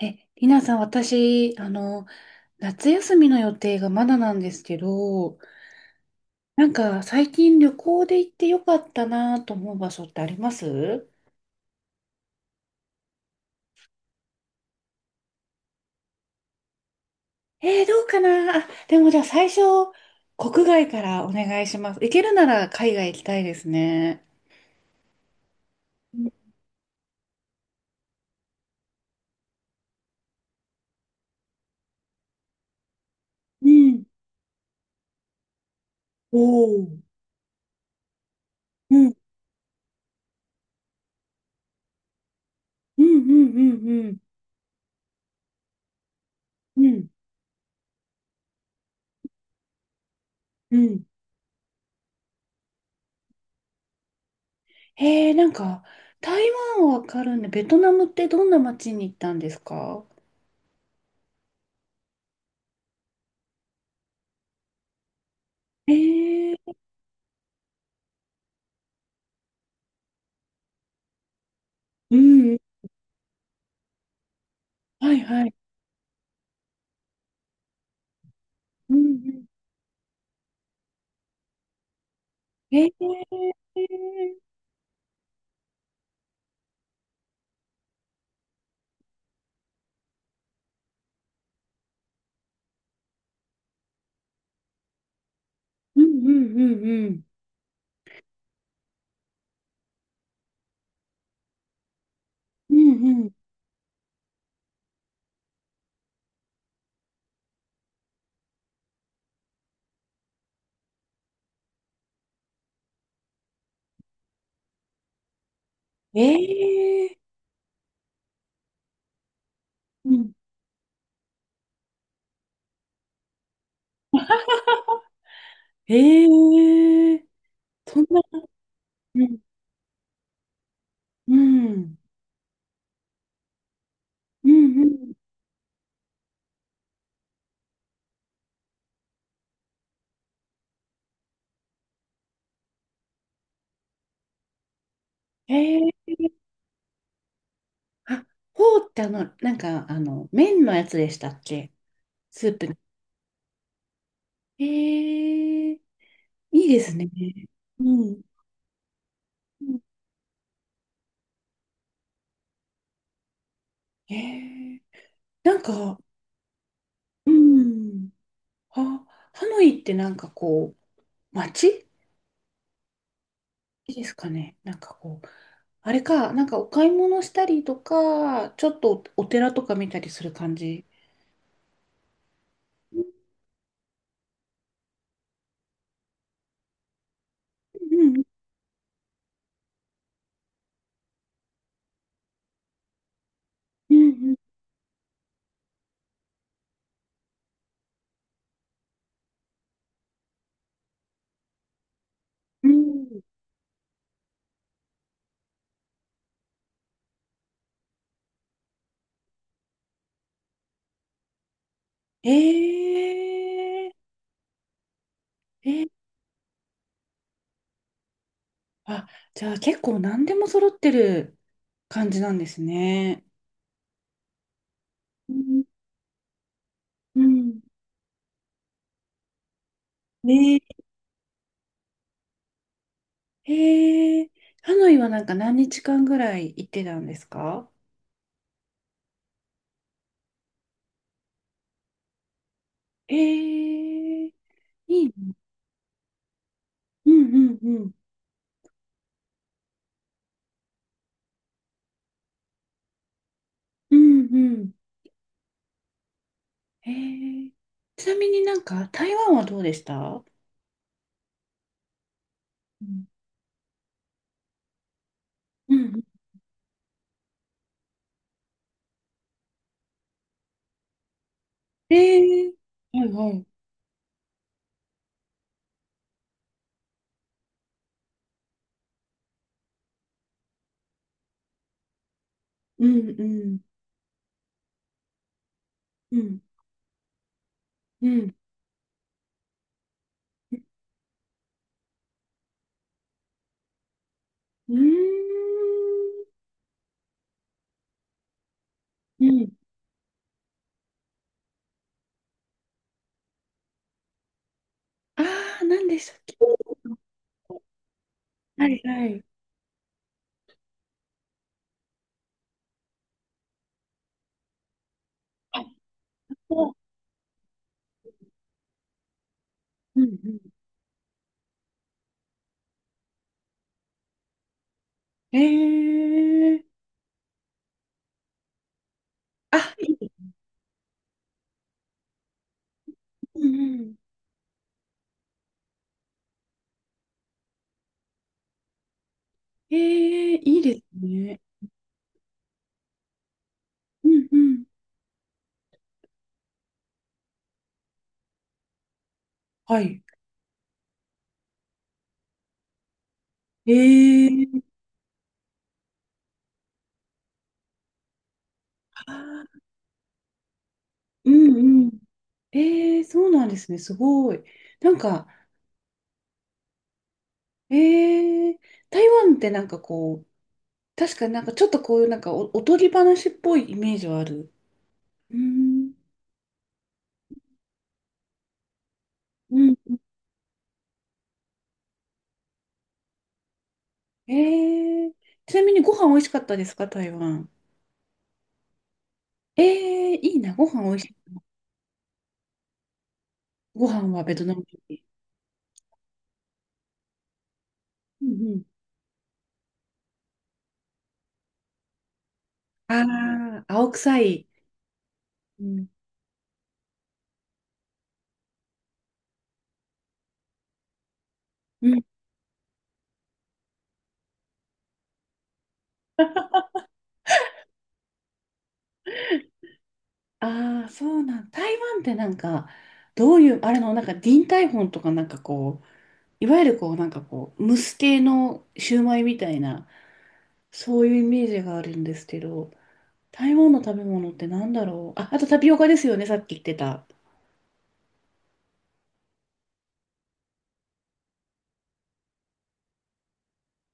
え、りなさん、私、夏休みの予定がまだなんですけど、なんか最近旅行で行ってよかったなと思う場所ってあります？どうかなあ、でもじゃあ最初、国外からお願いします。行けるなら海外行きたいですね。うん。おーうん、うん、うん、うん、うん、うん。うんなんか、台湾はわかるんで、ベトナムってどんな街に行ったんですか？えー、うん、はいはい。うんうん。えーうんうんうんうん。うんうん。ええうん。ええそんな、うん、うん、うんうん。ええあ、フォーってなんか、麺のやつでしたっけ？スープの。ええいいですね。うん。うんええなんか、うん。あ、ハノイってなんかこう、街いいですかね。なんかこう、あれか、なんかお買い物したりとか、ちょっとお寺とか見たりする感じ。うんうんうんうんうんえー、えー、あ、じゃあ結構何でも揃ってる感じなんですね。うんうんねえ、ハノイはなんか何日間ぐらい行ってたんですか？えー、いい。うんうんうん。うんうん。えー、ちなみになんか台湾はどうでした？うんうんえー、はいはい。うんうんうんうんうーんうんああー、なんでしたっけ？はいはい。あ、そう。うんうんあ、いい。うんうん。いいですね。うんうん。はい。えー、あーうんうん。えそうなんですね。すごい。なんか、ええ台湾ってなんかこう、確かになんかちょっとこういうなんかおとぎ話っぽいイメージはある。うん。うん。ええちなみにご飯美味しかったですか、台湾？ええいいな、ご飯美味しい。ご飯はベトナム料理。うんうん。ああ、青臭い。うん。うん。ああ、そうなん。台湾ってなんか、どういう、あれの、なんか、ディンタイフォンとかなんかこう、いわゆるこう、なんかこう、蒸す系のシューマイみたいな、そういうイメージがあるんですけど、台湾の食べ物ってなんだろう。あ、あとタピオカですよね、さっき言ってた。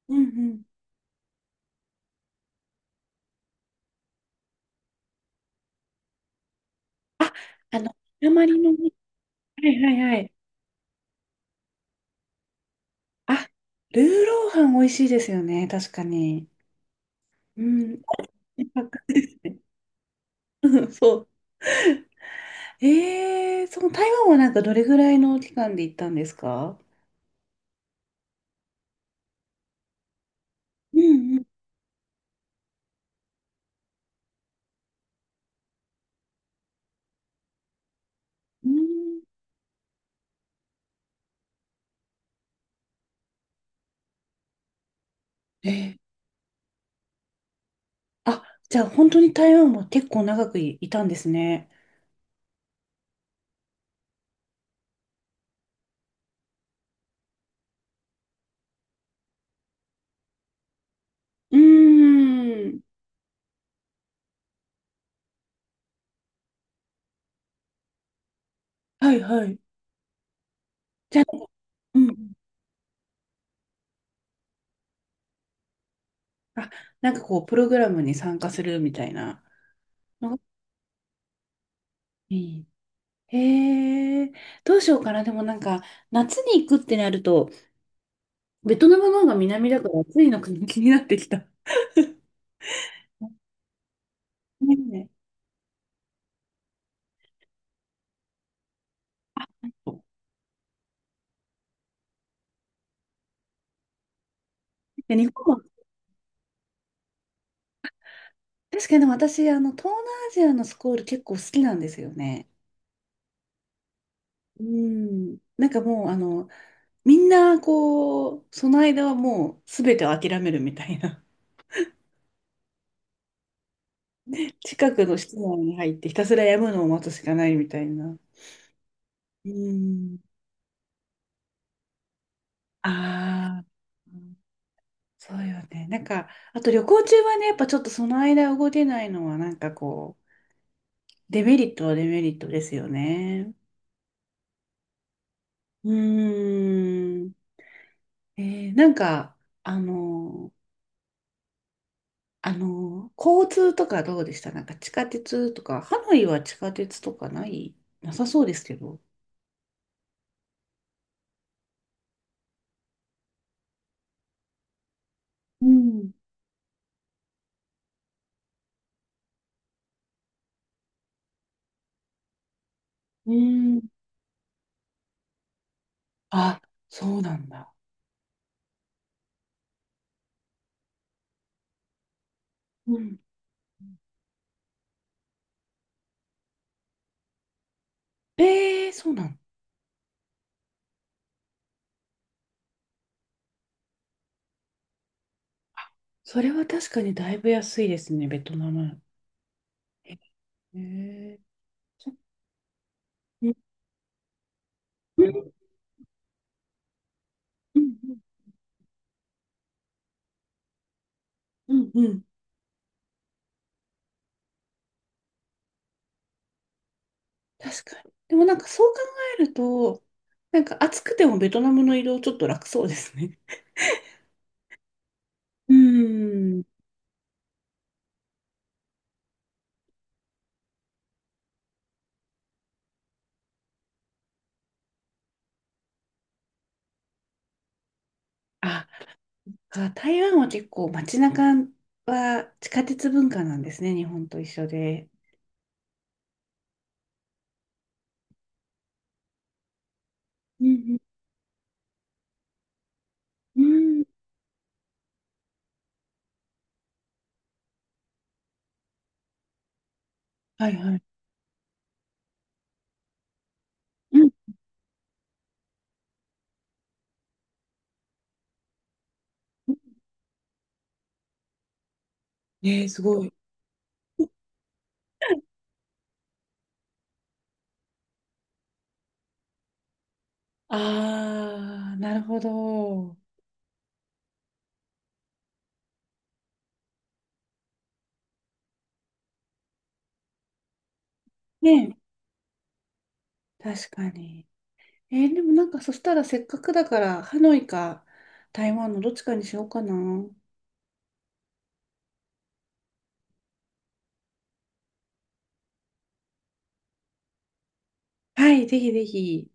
うんうん。あ、あの、鉛のね。はいはいはい。あ、ルーローハン美味しいですよね、確かに。うん。ですねうんそう。その台湾はなんかどれぐらいの期間で行ったんですか？うんうん。うんえー、あ、じゃあ本当に台湾は結構長くい、いたんですね。うーん。はいはい。じゃあ、うん。あ、なんかこう、プログラムに参加するみたいなのがいい。へえ、どうしようかな。でもなんか、夏に行くってなると、ベトナムの方が南だから暑いのか 気になってきた。ねえ。で日本は、確かにでも私、東南アジアのスコール結構好きなんですよね。うん。なんかもう、みんな、こう、その間はもう、すべてを諦めるみたいな。近くの室内に入って、ひたすらやむのを待つしかないみたいな。うん。ああ、うんそうよね。なんか、あと旅行中はね、やっぱちょっとその間動けないのは、なんかこう、デメリットはデメリットですよね。うーん。えなんか、あの、交通とかどうでした？なんか地下鉄とか、ハノイは地下鉄とかない、なさそうですけど。うん。うん。あ、そうなんだ。うん。そうなの？それは確かにだいぶ安いですね、ベトナム。へえーうんうんうんうんうん確かに。でもなんかそう考えると、なんか暑くてもベトナムの移動ちょっと楽そうですね。うん。あ、あ台湾は結構街中は地下鉄文化なんですね、日本と一緒で。うんうん。うんはいはい。うんねえ、すごい。ああ、なるほど。ねえ、確かに。でもなんかそしたらせっかくだから、ハノイか台湾のどっちかにしようかな。はい、ぜひぜひ。